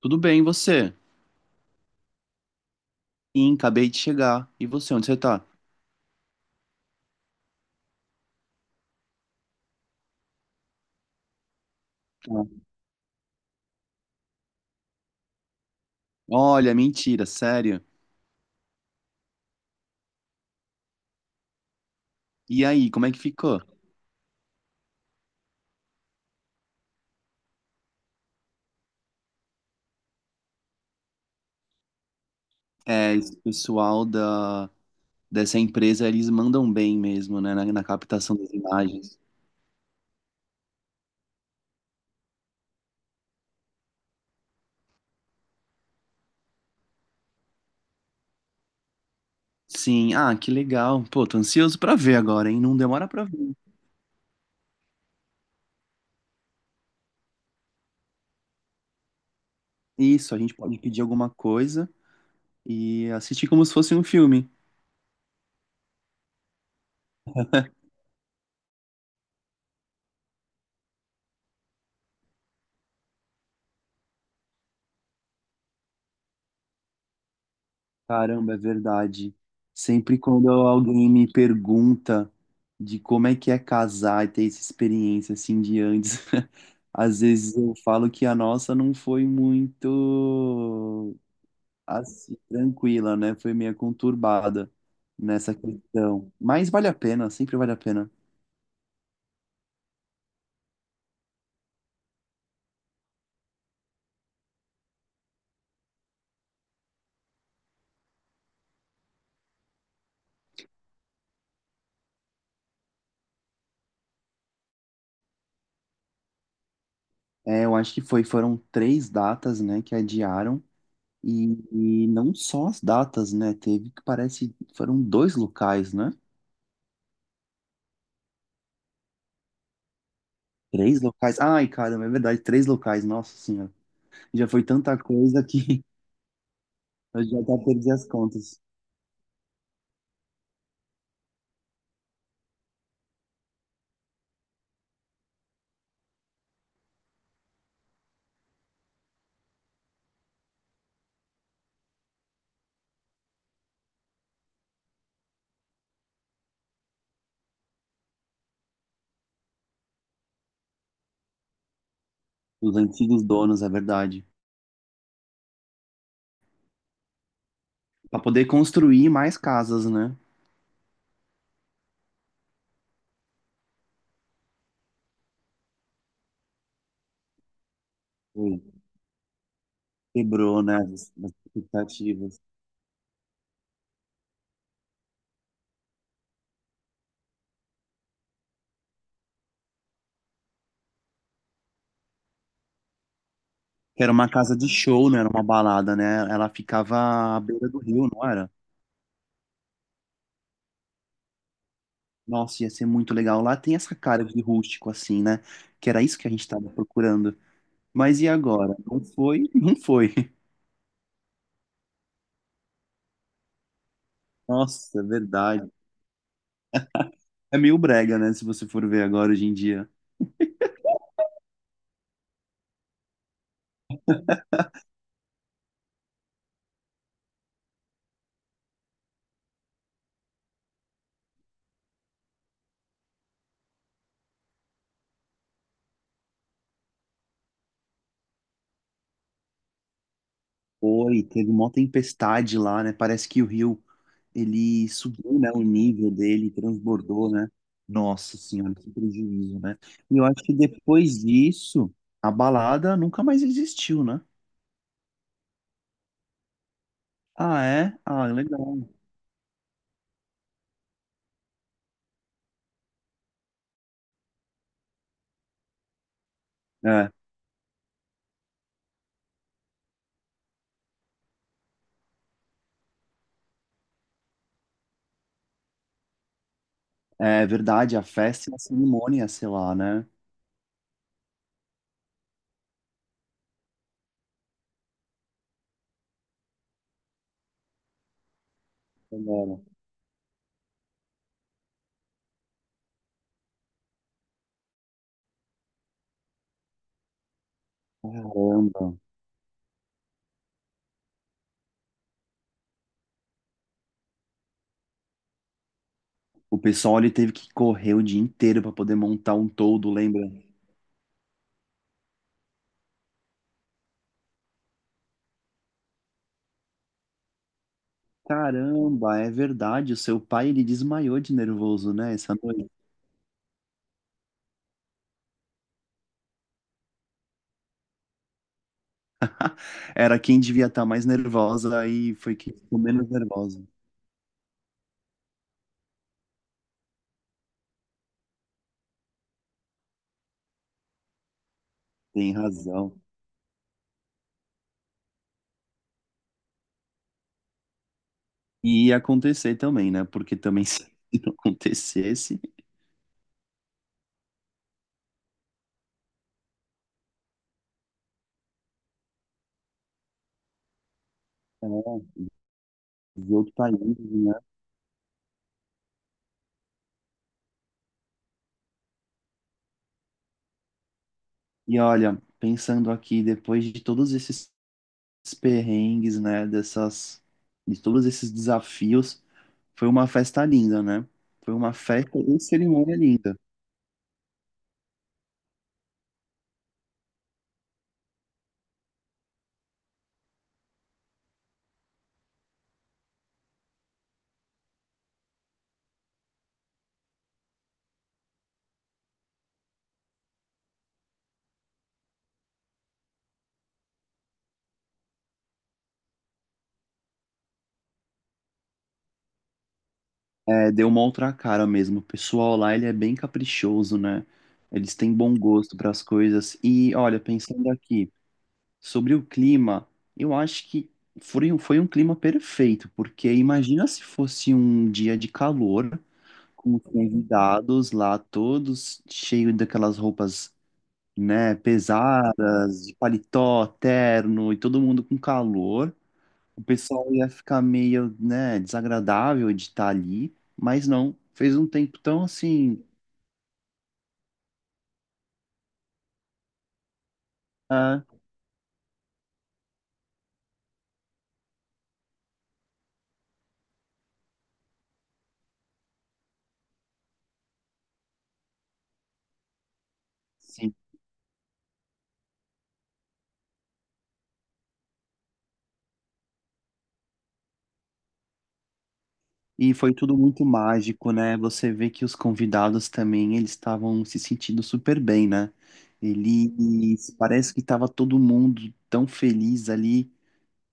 Tudo bem, e você? Sim, acabei de chegar. E você, onde você tá? Tá. Olha, mentira, sério. E aí, como é que ficou? É, esse pessoal dessa empresa, eles mandam bem mesmo, né, na captação das imagens. Sim, ah, que legal. Pô, tô ansioso pra ver agora, hein? Não demora pra ver. Isso, a gente pode pedir alguma coisa e assistir como se fosse um filme. Caramba, é verdade. Sempre quando alguém me pergunta de como é que é casar e ter essa experiência assim de antes, às vezes eu falo que a nossa não foi muito assim, tranquila, né? Foi meio conturbada nessa questão. Mas vale a pena, sempre vale a pena. É, eu acho que foi, foram três datas, né, que adiaram. E, e não só as datas, né? Teve que parece, foram dois locais, né? Três locais? Ai, caramba, é verdade, três locais, nossa senhora. Já foi tanta coisa que eu já até perdi as contas. Os antigos donos, é verdade. Para poder construir mais casas, né? Foi. Quebrou, né? As expectativas. Que era uma casa de show, né? Era uma balada, né? Ela ficava à beira do rio, não era? Nossa, ia ser muito legal. Lá tem essa cara de rústico, assim, né? Que era isso que a gente estava procurando. Mas e agora? Não foi? Não foi. Nossa, é verdade. É meio brega, né? Se você for ver agora hoje em dia. Oi, teve uma tempestade lá, né? Parece que o rio ele subiu, né? O nível dele transbordou, né? Nossa senhora, que prejuízo, né? E eu acho que depois disso, a balada nunca mais existiu, né? Ah, é? Ah, legal. É, é verdade, a festa e a cerimônia, sei lá, né? Agora, caramba. O pessoal ele teve que correr o dia inteiro para poder montar um toldo, lembra? Caramba, é verdade. O seu pai, ele desmaiou de nervoso, né, essa noite. Era quem devia estar mais nervosa e foi quem ficou menos nervosa. Tem razão. E ia acontecer também, né? Porque também se não acontecesse, é, os outros países, né? E olha, pensando aqui, depois de todos esses perrengues, né, dessas, de todos esses desafios, foi uma festa linda, né? Foi uma festa e cerimônia linda. É, deu uma outra cara mesmo. O pessoal lá, ele é bem caprichoso, né? Eles têm bom gosto para as coisas. E olha, pensando aqui sobre o clima, eu acho que foi, foi um clima perfeito, porque imagina se fosse um dia de calor, com os convidados lá todos cheios daquelas roupas, né, pesadas, de paletó, terno e todo mundo com calor. O pessoal ia ficar meio, né, desagradável de estar ali, mas não. Fez um tempo tão assim, ah, sim. E foi tudo muito mágico, né? Você vê que os convidados também, eles estavam se sentindo super bem, né? Eles, parece que estava todo mundo tão feliz ali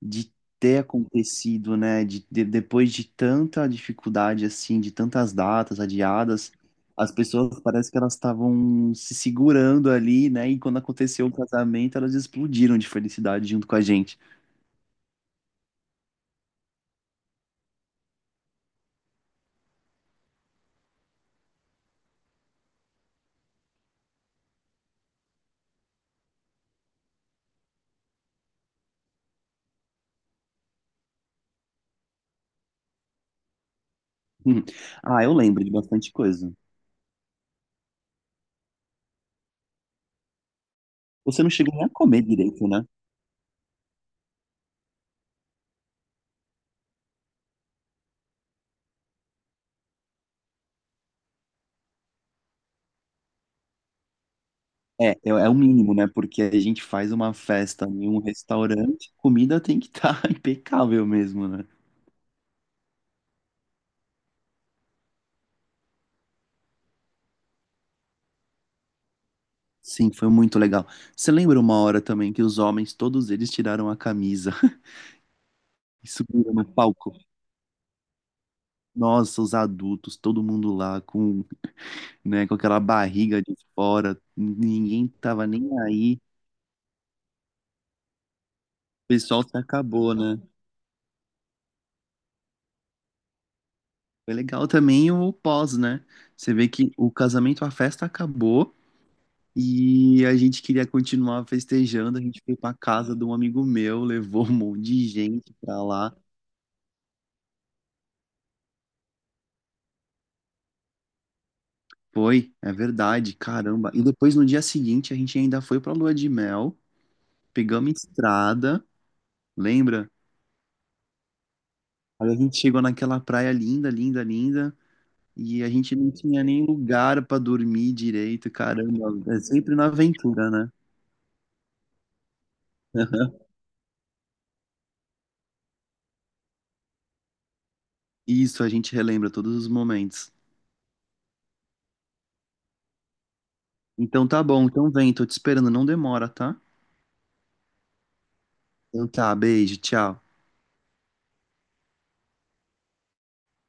de ter acontecido, né? De, depois de tanta dificuldade, assim, de tantas datas adiadas, as pessoas parece que elas estavam se segurando ali, né? E quando aconteceu o casamento, elas explodiram de felicidade junto com a gente. Hum. Ah, eu lembro de bastante coisa. Você não chegou nem a comer direito, né? É, é, é o mínimo, né? Porque a gente faz uma festa em um restaurante, comida tem que estar impecável mesmo, né? Sim, foi muito legal. Você lembra uma hora também que os homens, todos eles tiraram a camisa e subiram no palco? Nossa, os adultos, todo mundo lá com, né, com aquela barriga de fora, ninguém tava nem aí. O pessoal se acabou, né? Foi legal também o pós, né? Você vê que o casamento, a festa acabou e a gente queria continuar festejando. A gente foi pra casa de um amigo meu, levou um monte de gente pra lá. Foi, é verdade, caramba. E depois no dia seguinte a gente ainda foi pra lua de mel, pegamos estrada, lembra? Aí a gente chegou naquela praia linda, linda, linda, e a gente não tinha nem lugar pra dormir direito, caramba. É sempre na aventura, né? Isso, a gente relembra todos os momentos. Então tá bom, então vem, tô te esperando, não demora, tá? Então tá, beijo, tchau.